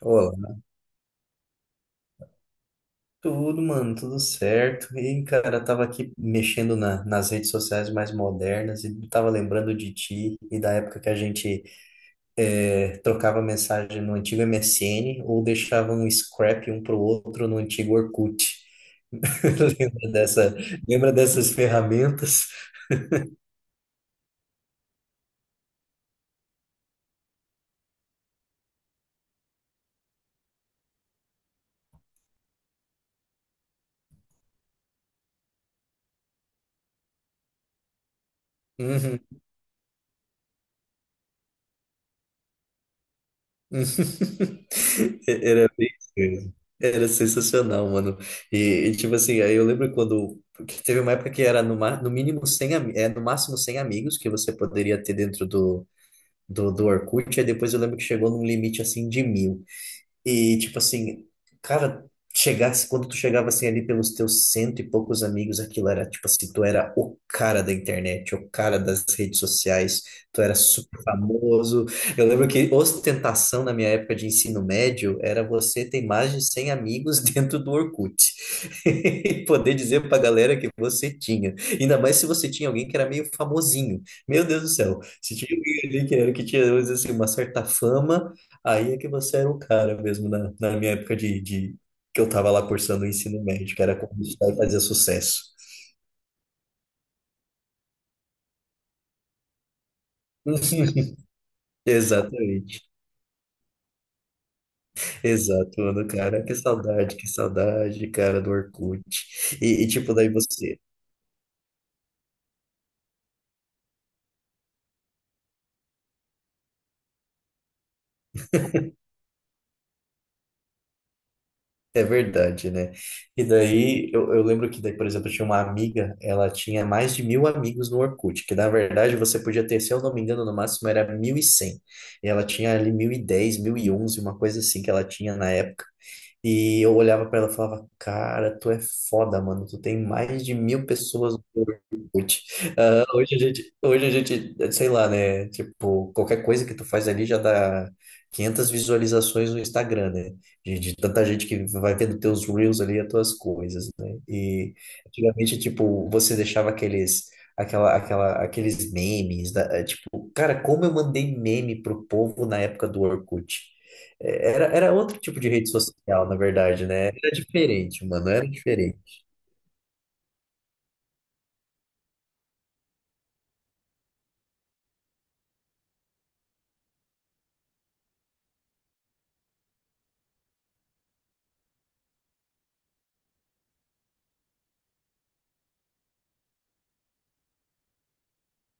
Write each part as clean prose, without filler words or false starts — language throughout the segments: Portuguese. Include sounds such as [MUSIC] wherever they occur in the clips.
Olá, tudo, mano, tudo certo. E, cara, eu tava aqui mexendo nas redes sociais mais modernas e tava lembrando de ti e da época que a gente trocava mensagem no antigo MSN ou deixava um scrap um pro outro no antigo Orkut. [LAUGHS] Lembra dessa, Lembra dessas ferramentas? Uhum. [LAUGHS] Era bem isso. Era sensacional, mano. E, tipo assim, aí eu lembro quando que teve uma época que era no mínimo 100, no máximo 100 amigos que você poderia ter dentro do Orkut. Aí depois eu lembro que chegou num limite assim de 1000. E, tipo assim, cara, quando tu chegava assim ali pelos teus cento e poucos amigos, aquilo era tipo assim, tu era o cara da internet, o cara das redes sociais, tu era super famoso. Eu lembro que ostentação na minha época de ensino médio era você ter mais de 100 amigos [LAUGHS] dentro do Orkut. [LAUGHS] E poder dizer pra galera que você tinha. Ainda mais se você tinha alguém que era meio famosinho. Meu Deus do céu, se tinha alguém ali que era que tinha, vamos dizer assim, uma certa fama. Aí é que você era o cara mesmo na minha época de que eu tava lá cursando o ensino médio, que era quando estudar e fazer sucesso. [LAUGHS] Exatamente, exato, mano, cara, que saudade, cara, do Orkut. Tipo, daí você. É verdade, né? E daí, eu lembro que daí, por exemplo, eu tinha uma amiga, ela tinha mais de 1000 amigos no Orkut, que na verdade você podia ter, se eu não me engano, no máximo era 1.100. E ela tinha ali 1.010, 1.011, uma coisa assim que ela tinha na época. E eu olhava pra ela e falava, cara, tu é foda, mano, tu tem mais de 1000 pessoas no Orkut. Hoje a gente, sei lá, né? Tipo, qualquer coisa que tu faz ali já dá 500 visualizações no Instagram, né? De tanta gente que vai vendo teus reels ali, as tuas coisas, né? E antigamente, tipo, você deixava aqueles memes, tipo, cara, como eu mandei meme pro povo na época do Orkut. Era outro tipo de rede social, na verdade, né? Era diferente, mano, era diferente.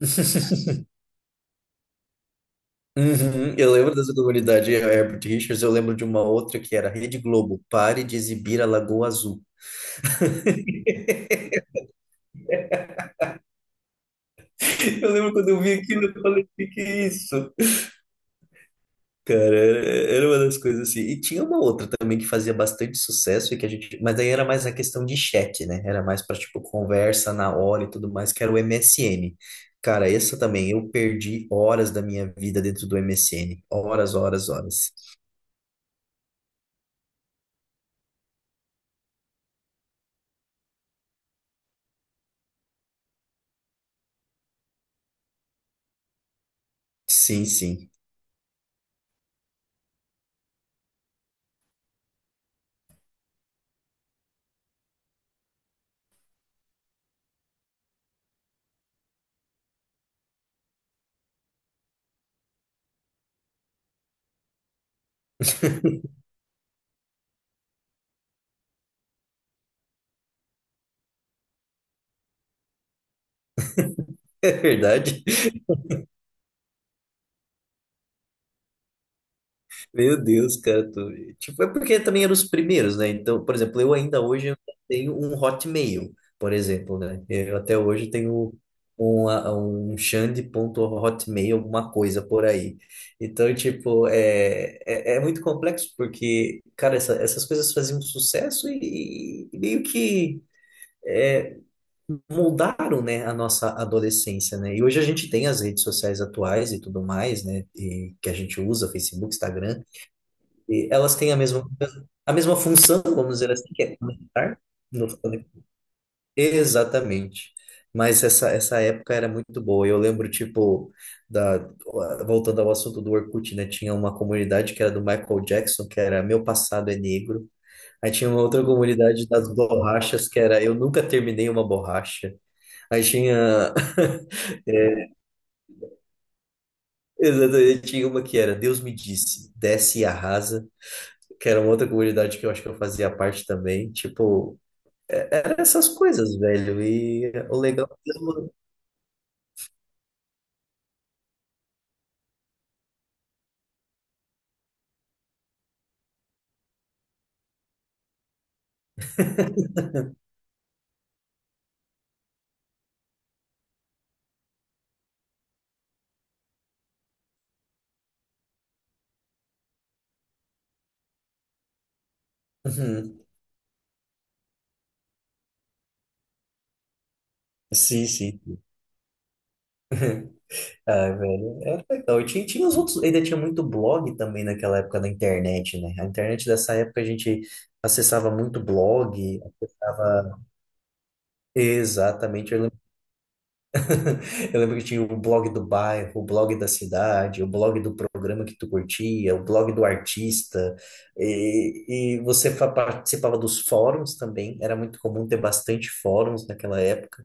[LAUGHS] Uhum, eu lembro dessa comunidade, Herbert Richards. Eu lembro de uma outra que era Rede Globo, pare de exibir a Lagoa Azul. [LAUGHS] Eu lembro quando eu vi aquilo, eu falei, o que que é isso? Cara, era uma das coisas assim. E tinha uma outra também que fazia bastante sucesso e que a gente, mas daí era mais a questão de chat, né? Era mais para tipo conversa na hora e tudo mais, que era o MSN. Cara, essa também, eu perdi horas da minha vida dentro do MSN, horas, horas, horas. Sim, sim. [LAUGHS] É verdade. Meu Deus, cara, tipo, é porque também eram os primeiros, né? Então, por exemplo, eu ainda hoje eu tenho um Hotmail, por exemplo, né? Eu até hoje tenho um Xande ponto hotmail, alguma coisa por aí. Então, tipo, é muito complexo porque, cara, essas coisas faziam sucesso e, meio que é, moldaram, né, a nossa adolescência, né? E hoje a gente tem as redes sociais atuais e tudo mais, né? E que a gente usa, Facebook, Instagram. E elas têm a mesma função, vamos dizer assim, que é conectar. no- Exatamente. Mas essa época era muito boa. Eu lembro, tipo, da, voltando ao assunto do Orkut, né? Tinha uma comunidade que era do Michael Jackson, que era Meu Passado é Negro. Aí tinha uma outra comunidade das borrachas, que era Eu Nunca Terminei Uma Borracha. Aí tinha [LAUGHS] Exatamente, tinha uma que era Deus me disse, desce e arrasa, que era uma outra comunidade que eu acho que eu fazia parte também. Era essas coisas, velho. E o legal mesmo. Uhum. Sim, sim. [LAUGHS] Ah, velho, era legal. E tinha os outros, ainda tinha muito blog também naquela época da internet, né? A internet dessa época a gente acessava muito blog, acessava. Exatamente, [LAUGHS] eu lembro que tinha o blog do bairro, o blog da cidade, o blog do programa que tu curtia, o blog do artista, e você participava dos fóruns também, era muito comum ter bastante fóruns naquela época.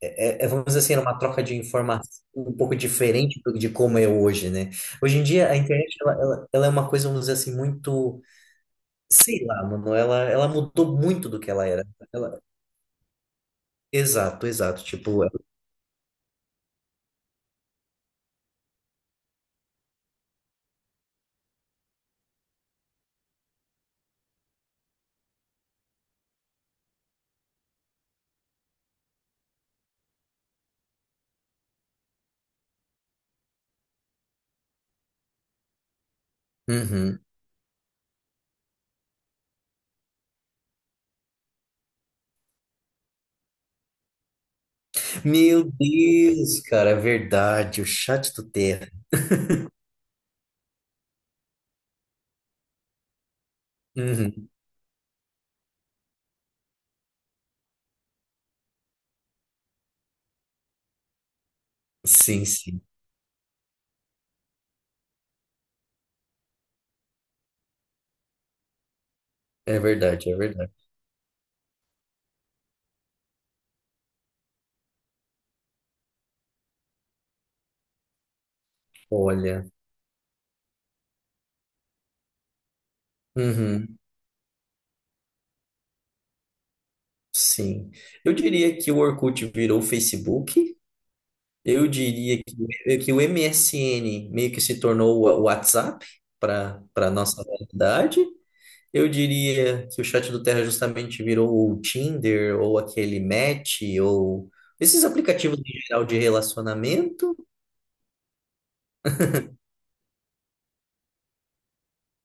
Vamos dizer assim, era uma troca de informação um pouco diferente de como é hoje, né? Hoje em dia, a internet, ela é uma coisa, vamos dizer assim, muito, sei lá, mano, ela mudou muito do que ela era. Ela- exato, exato. Uhum. Meu Deus, cara, é verdade, o chat do Terra. Uhum. Sim, sim, é verdade, é verdade. Olha, uhum, sim. Eu diria que o Orkut virou o Facebook. Eu diria que o MSN meio que se tornou o WhatsApp para nossa realidade. Eu diria que o chat do Terra justamente virou o Tinder ou aquele Match ou esses aplicativos em geral de relacionamento.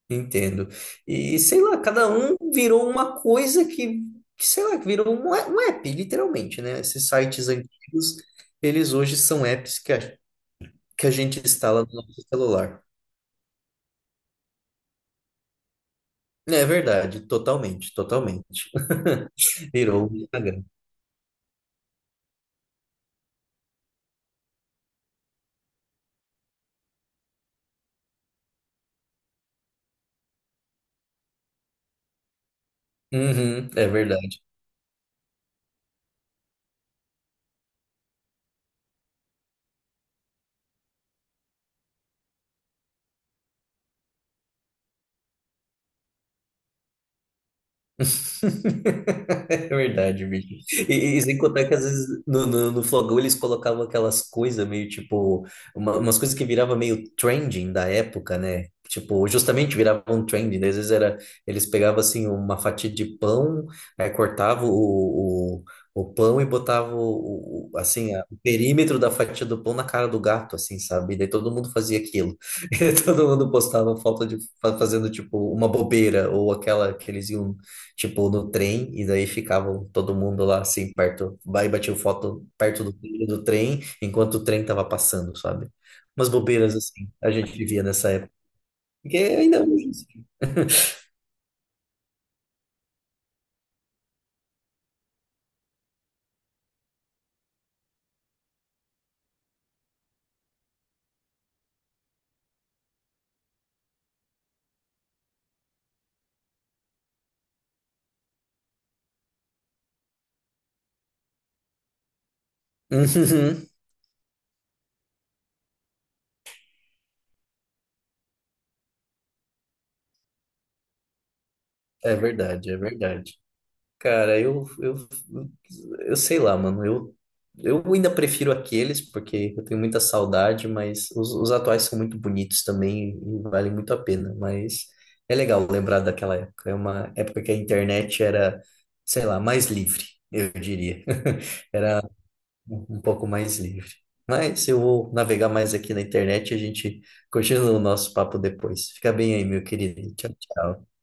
Entendo. E sei lá, cada um virou uma coisa que sei lá, que virou um app, literalmente, né? Esses sites antigos, eles hoje são apps que a gente instala no nosso celular. É verdade, totalmente, totalmente. [LAUGHS] Virou um Instagram. Uhum, é verdade. [LAUGHS] É verdade, bicho. E sem contar que às vezes no Flogão eles colocavam aquelas coisas meio tipo, umas coisas que virava meio trending da época, né? Tipo, justamente viravam trending, né? Às vezes eles pegavam assim uma fatia de pão, aí cortavam o pão e botavam o perímetro da fatia do pão na cara do gato, assim, sabe? E daí todo mundo fazia aquilo. [LAUGHS] E todo mundo postava foto de fazendo tipo uma bobeira ou aquela que eles iam tipo, no trem, e daí ficavam todo mundo lá, assim, perto, aí batiam foto perto do trilho do trem, enquanto o trem tava passando, sabe? Umas bobeiras, assim, a gente vivia nessa época. Porque ainda hoje. [LAUGHS] Uhum. É verdade, é verdade. Cara, eu sei lá, mano. Eu ainda prefiro aqueles, porque eu tenho muita saudade, mas os atuais são muito bonitos também e valem muito a pena. Mas é legal lembrar daquela época. É uma época que a internet era, sei lá, mais livre, eu diria. [LAUGHS] Era um pouco mais livre. Mas eu vou navegar mais aqui na internet e a gente continua o nosso papo depois. Fica bem aí, meu querido. Tchau, tchau.